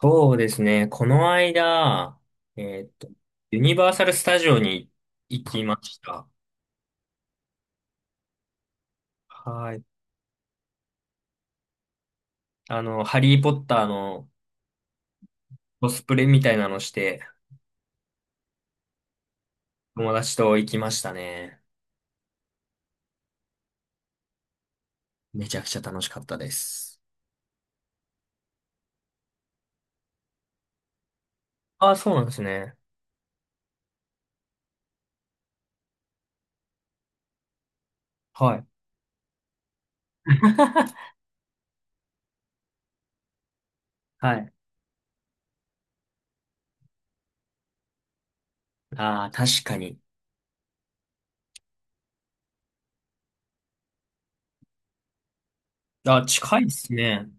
そうですね。この間、えーっと、ユニバーサル・スタジオに行きました。はい。ハリー・ポッターのコスプレみたいなのして、友達と行きましたね。めちゃくちゃ楽しかったです。ああ、そうなんですね。はい。はい。ああ、確かに。あ、近いですね。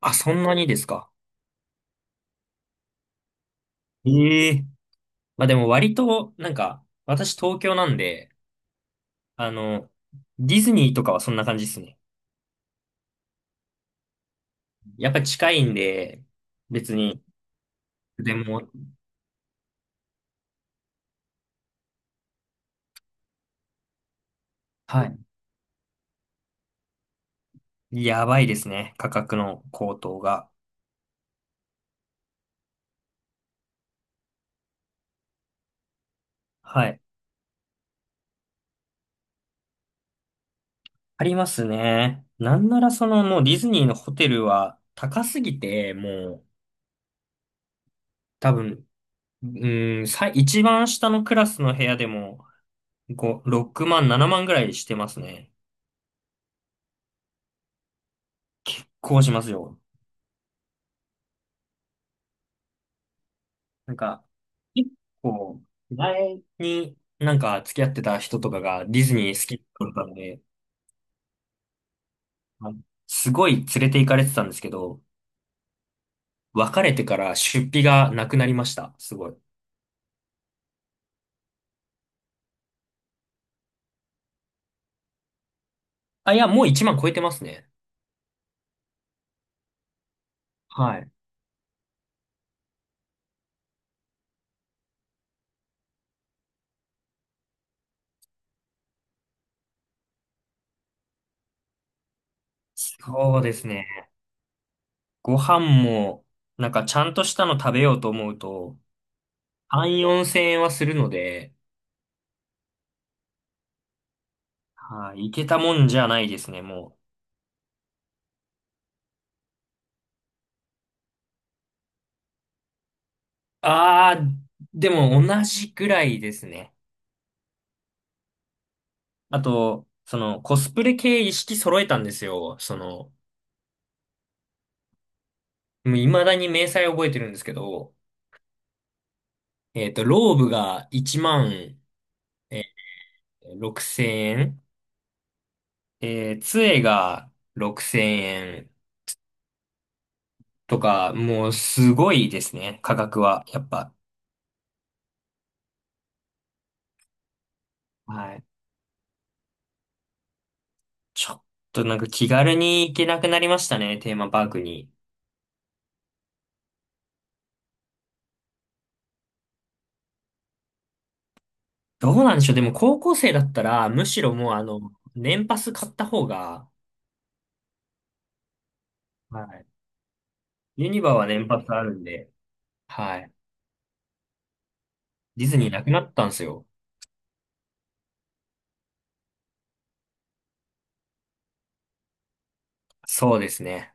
あ、そんなにですか。ええ。まあでも割と、なんか、私東京なんで、あの、ディズニーとかはそんな感じですね。やっぱり近いんで、別に、でも、はい。やばいですね。価格の高騰が。はい。ありますね。なんならもうディズニーのホテルは高すぎて、もう多分、うん、一番下のクラスの部屋でも5、6万、7万ぐらいしてますね。結構しますよ。なんか、結構、前になんか付き合ってた人とかがディズニー好きだったんで、あのすごい連れて行かれてたんですけど、別れてから出費がなくなりました。すごい。あ、いや、もう1万超えてますね。はい。そうですね。ご飯も、なんかちゃんとしたの食べようと思うと、3、4千円はするので、はい、いけたもんじゃないですね、もう。あー、でも同じぐらいですね。あと、コスプレ系一式揃えたんですよ。もう未だに明細覚えてるんですけど、ローブが1万え6000円。杖が6000円とか、もうすごいですね、価格は。やっぱ。はい。ちょっとなんか気軽に行けなくなりましたね、テーマパークに。どうなんでしょう。でも高校生だったら、むしろもう年パス買った方が、はい。ユニバは年パスあるんで、はい。ディズニーなくなったんですよ。そうですね。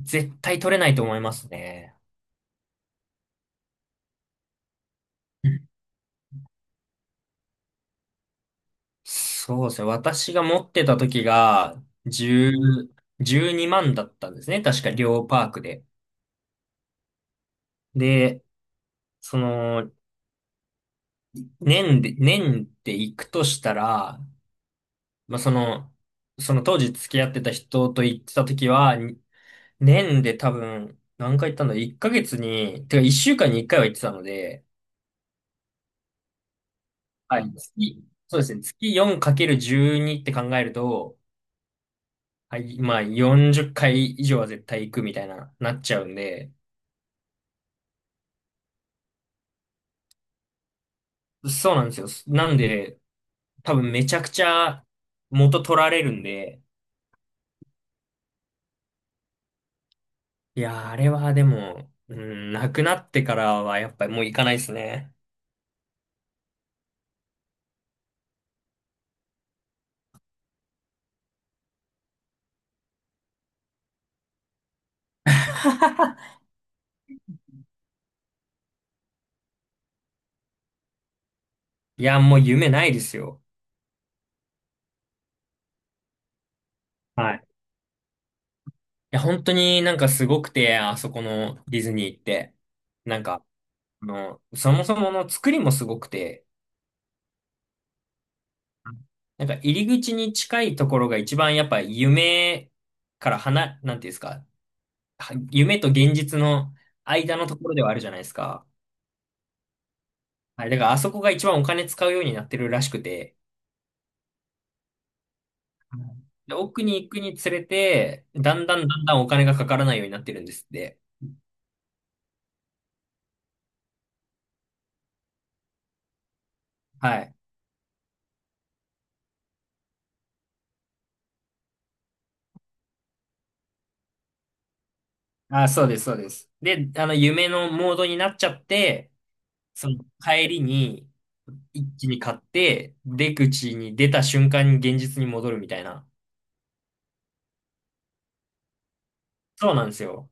絶対取れないと思いますね。そうですね。私が持ってた時が、10、12万だったんですね。確か、両パークで。で、その、年で行くとしたら、まあ、その当時付き合ってた人と行ってた時は、年で多分、何回行ったんだ ?1 ヶ月に、てか1週間に1回は行ってたので、はい。そうですね。月 4×12 って考えると、はい、まあ40回以上は絶対行くみたいな、なっちゃうんで、そうなんですよ。なんで、多分めちゃくちゃ元取られるんで、いやー、あれはでも、うん、なくなってからはやっぱりもう行かないですね。いや、もう夢ないですよ。はい。いや、本当になんかすごくて、あそこのディズニー行って。なんか、そもそもの作りもすごくて、なんか入り口に近いところが一番やっぱ夢から離、なんていうんですか、は夢と現実の間のところではあるじゃないですか。はい、だからあそこが一番お金使うようになってるらしくて、で、奥に行くにつれて、だんだんだんだんお金がかからないようになってるんですって。はい。あ、そうです、そうです。で、夢のモードになっちゃって、その帰りに一気に買って、出口に出た瞬間に現実に戻るみたいな。そうなんですよ。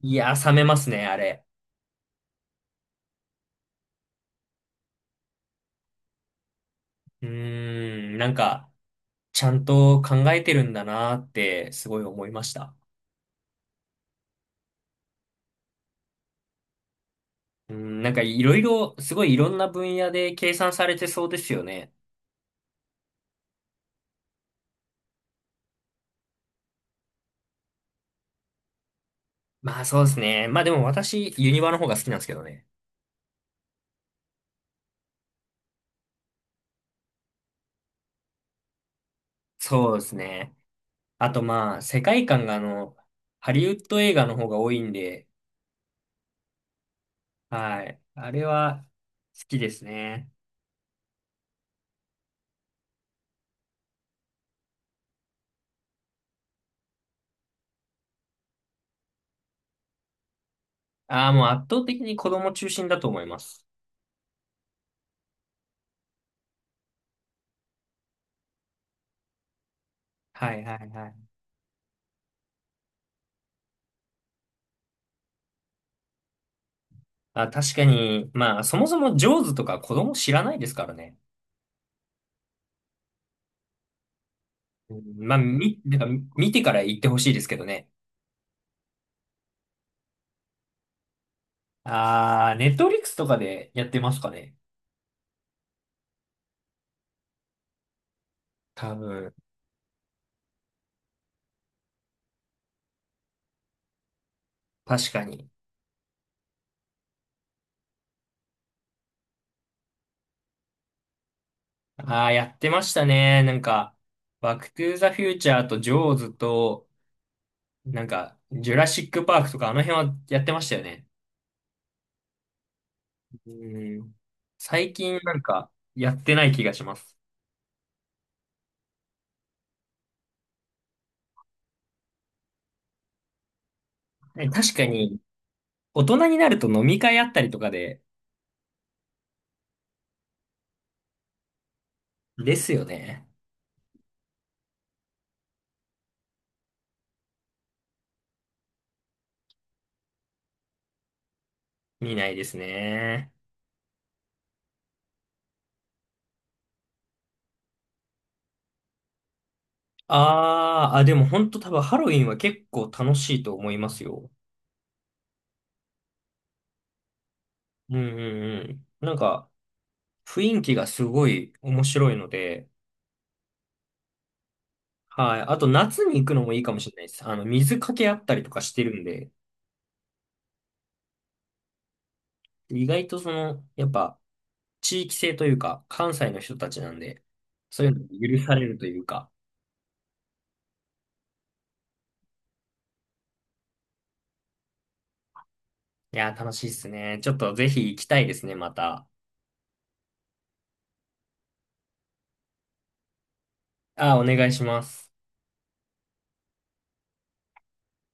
いやー、冷めますね、あれ。うーん、なんか、ちゃんと考えてるんだなーって、すごい思いました。うん、なんかいろいろ、すごいいろんな分野で計算されてそうですよね。まあそうですね。まあでも私、ユニバの方が好きなんですけどね。そうですね。あとまあ、世界観がハリウッド映画の方が多いんで、はい。あれは好きですね。ああ、もう圧倒的に子供中心だと思います。はいはいはい。あ、確かに、まあそもそもジョーズとか子供知らないですからね。うんまあ、なんか見てから言ってほしいですけどね。あー、ネットフリックスとかでやってますかね。多分、確かに。ああ、やってましたね。なんか、バックトゥーザフューチャーとジョーズと、なんか、ジュラシックパークとか、あの辺はやってましたよね。うん。最近なんか、やってない気がします。ね確かに、大人になると飲み会あったりとかで、ですよね。見ないですね。あーあ、でも本当多分ハロウィンは結構楽しいと思いますよ。うんうんうん。なんか、雰囲気がすごい面白いので、はい。あと夏に行くのもいいかもしれないです。水かけあったりとかしてるんで、意外とその、やっぱ、地域性というか、関西の人たちなんで、そういうのが許されるというか、いやー、楽しいっすね。ちょっとぜひ行きたいですね、また。あー、お願いします。